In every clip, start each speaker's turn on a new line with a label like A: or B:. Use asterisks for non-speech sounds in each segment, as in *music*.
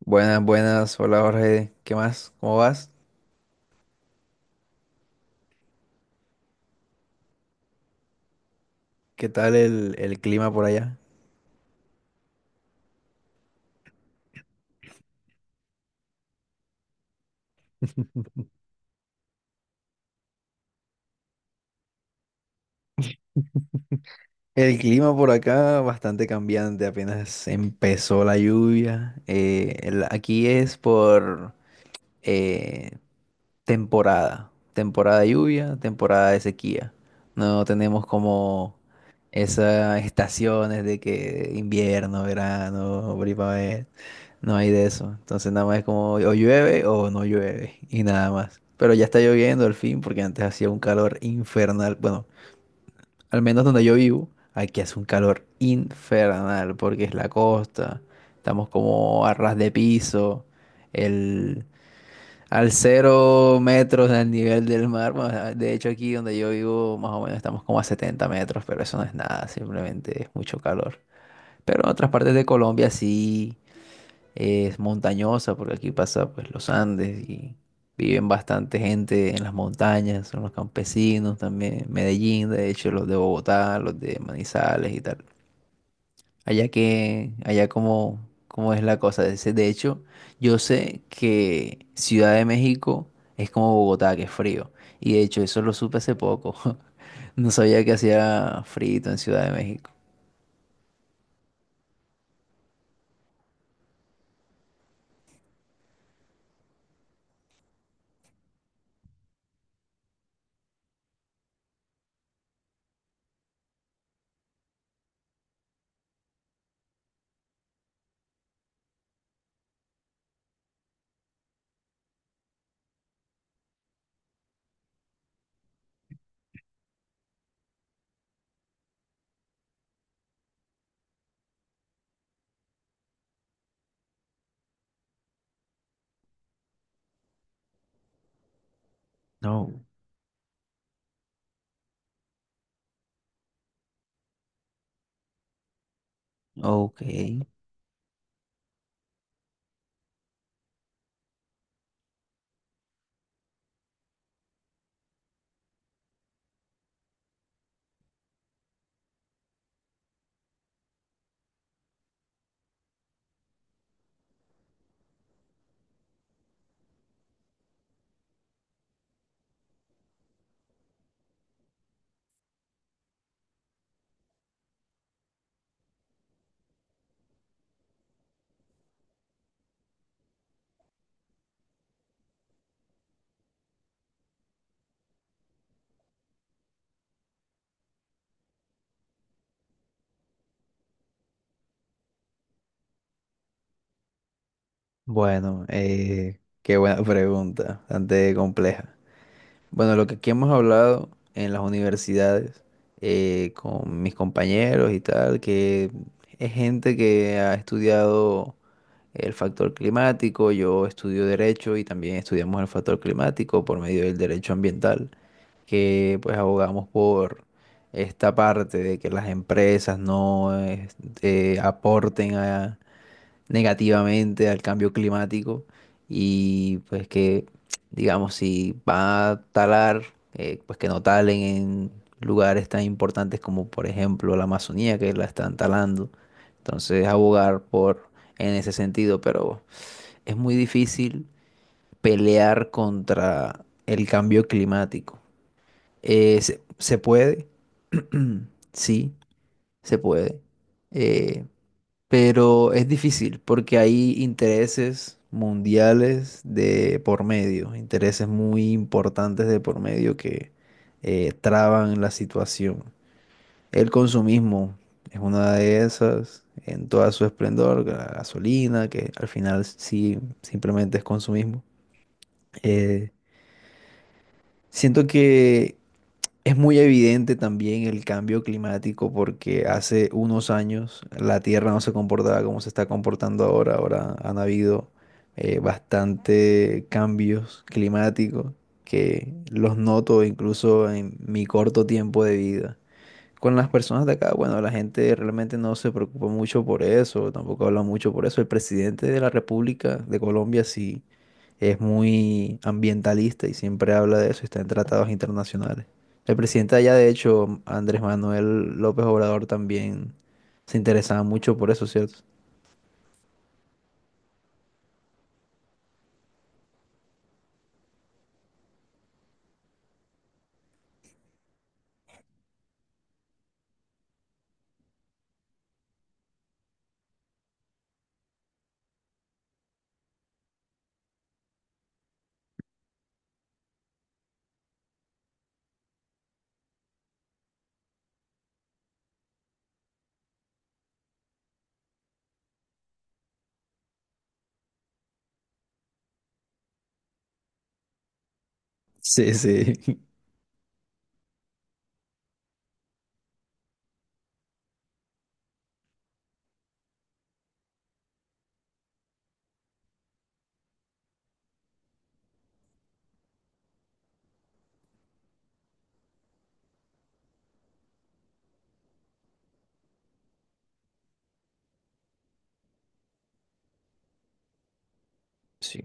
A: Buenas, buenas. Hola Jorge. ¿Qué más? ¿Cómo vas? ¿Qué tal el clima por allá? El clima por acá bastante cambiante. Apenas empezó la lluvia. Aquí es por... eh, temporada, temporada de lluvia, temporada de sequía. No tenemos como esas estaciones de que invierno, verano, primavera, no hay de eso. Entonces nada más es como o llueve o no llueve y nada más. Pero ya está lloviendo al fin porque antes hacía un calor infernal. Bueno, al menos donde yo vivo, aquí hace un calor infernal porque es la costa, estamos como a ras de piso. El, Al cero metros del nivel del mar. Bueno, de hecho, aquí donde yo vivo, más o menos estamos como a 70 metros, pero eso no es nada, simplemente es mucho calor. Pero en otras partes de Colombia sí es montañosa, porque aquí pasa pues los Andes y viven bastante gente en las montañas, son los campesinos también, Medellín, de hecho, los de Bogotá, los de Manizales y tal. Allá que, allá como, como es la cosa. De hecho, yo sé que Ciudad de México es como Bogotá, que es frío. Y de hecho, eso lo supe hace poco. *laughs* No sabía que hacía frío en Ciudad de México. No. Ok. Bueno, qué buena *laughs* pregunta, bastante compleja. Bueno, lo que aquí hemos hablado en las universidades, con mis compañeros y tal, que es gente que ha estudiado el factor climático, yo estudio derecho y también estudiamos el factor climático por medio del derecho ambiental, que pues abogamos por esta parte de que las empresas no este, aporten a, negativamente al cambio climático y pues que, digamos, si va a talar, pues que no talen en lugares tan importantes como por ejemplo la Amazonía que la están talando. Entonces abogar por en ese sentido, pero es muy difícil pelear contra el cambio climático. Se puede, *clears throat* sí, se puede. Eh, pero es difícil porque hay intereses mundiales de por medio, intereses muy importantes de por medio que traban la situación. El consumismo es una de esas, en toda su esplendor, la gasolina, que al final sí simplemente es consumismo. Eh, siento que es muy evidente también el cambio climático porque hace unos años la Tierra no se comportaba como se está comportando ahora. Ahora han habido bastante cambios climáticos que los noto incluso en mi corto tiempo de vida con las personas de acá. Bueno, la gente realmente no se preocupa mucho por eso, tampoco habla mucho por eso. El presidente de la República de Colombia sí es muy ambientalista y siempre habla de eso, está en tratados internacionales. El presidente de allá, de hecho, Andrés Manuel López Obrador también se interesaba mucho por eso, ¿cierto? Sí, sí. *laughs* Sí.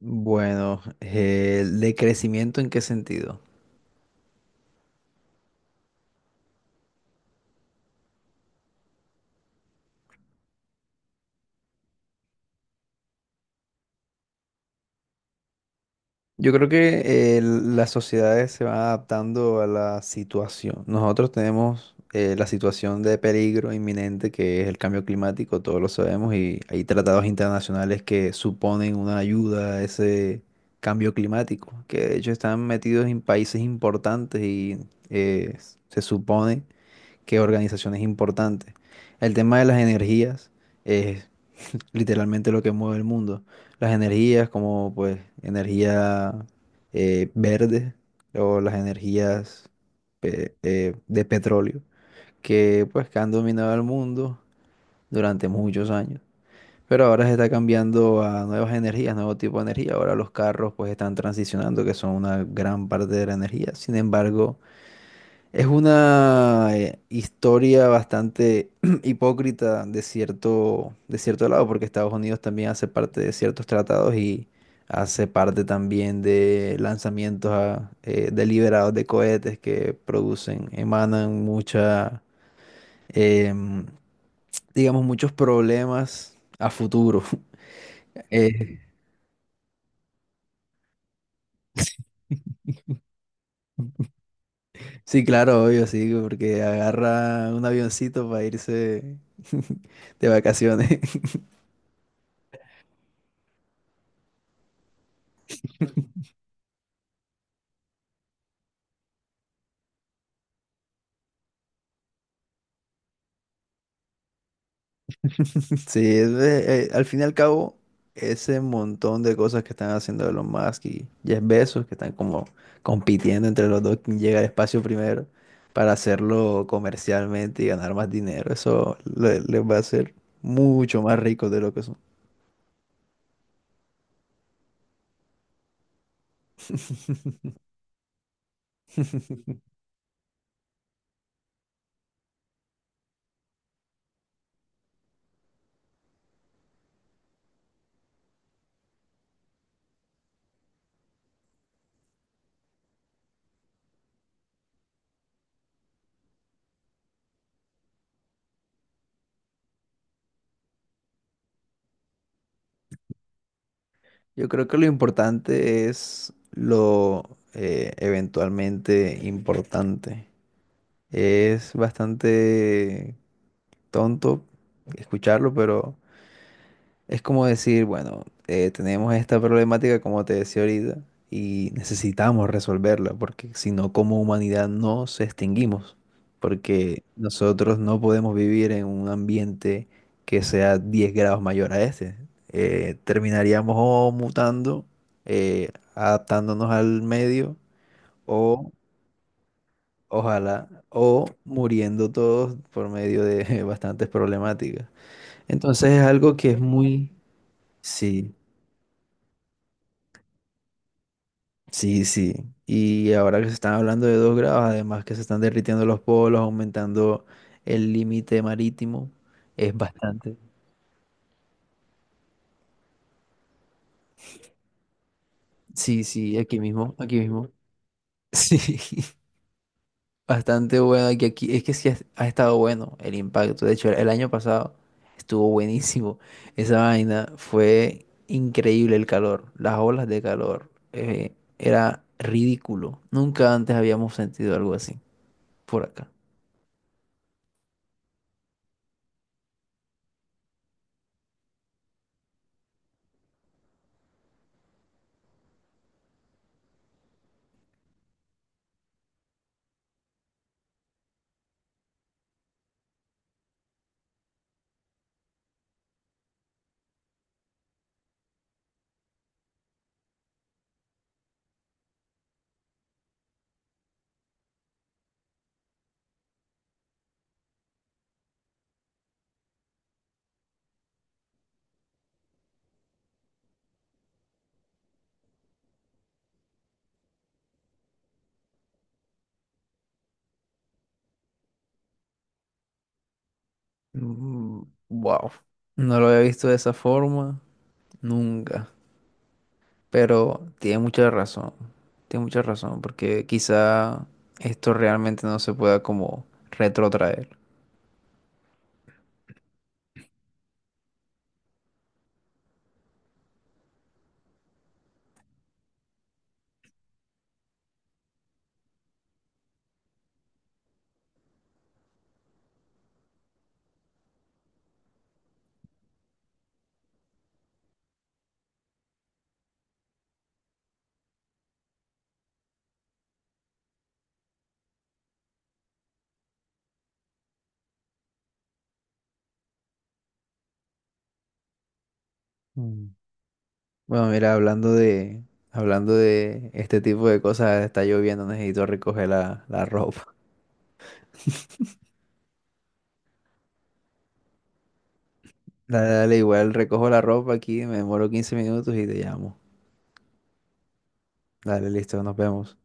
A: Bueno, ¿de crecimiento en qué sentido? Yo creo que las sociedades se van adaptando a la situación. Nosotros tenemos la situación de peligro inminente que es el cambio climático, todos lo sabemos, y hay tratados internacionales que suponen una ayuda a ese cambio climático, que de hecho están metidos en países importantes y eh, se supone que organizaciones importantes. El tema de las energías literalmente lo que mueve el mundo. Las energías como pues energía verde o las energías de petróleo que pues que han dominado el mundo durante muchos años. Pero ahora se está cambiando a nuevas energías, nuevo tipo de energía. Ahora los carros pues están transicionando, que son una gran parte de la energía. Sin embargo, es una historia bastante *clears throat* hipócrita de cierto lado, porque Estados Unidos también hace parte de ciertos tratados y hace parte también de lanzamientos deliberados de cohetes que producen, emanan mucha, em, digamos, muchos problemas a futuro. *laughs* Eh, sí, claro, obvio, sí, porque agarra un avioncito para irse *laughs* de vacaciones. Sí, al fin y al cabo, ese montón de cosas que están haciendo Elon Musk y Jeff Bezos, que están como compitiendo entre los dos quién llega al espacio primero para hacerlo comercialmente y ganar más dinero, les va a hacer mucho más ricos de lo que son. Yo creo que lo importante es lo eventualmente importante. Es bastante tonto escucharlo, pero... Es como decir, bueno, tenemos esta problemática, como te decía ahorita, y necesitamos resolverla, porque si no, como humanidad no nos extinguimos, porque nosotros no podemos vivir en un ambiente que sea 10 grados mayor a este. Terminaríamos o mutando, adaptándonos al medio, o ojalá, o muriendo todos por medio de *laughs* bastantes problemáticas. Entonces es algo que es muy... Sí, sí, sí. Y ahora que se están hablando de 2 grados, además que se están derritiendo los polos, aumentando el límite marítimo, es bastante. Sí, sí, aquí mismo, aquí mismo. *laughs* Sí, bastante bueno aquí, aquí. Es que sí ha, ha estado bueno el impacto. De hecho, el año pasado estuvo buenísimo. Esa vaina fue increíble el calor, las olas de calor. Era ridículo. Nunca antes habíamos sentido algo así por acá. Wow. No lo había visto de esa forma nunca. Pero tiene mucha razón. Tiene mucha razón. Porque quizá esto realmente no se pueda como retrotraer. Mm. Bueno, mira, hablando de este tipo de cosas, está lloviendo, necesito recoger la ropa. *laughs* Dale, dale, igual recojo la ropa aquí, me demoro 15 minutos y te llamo. Dale, listo, nos vemos.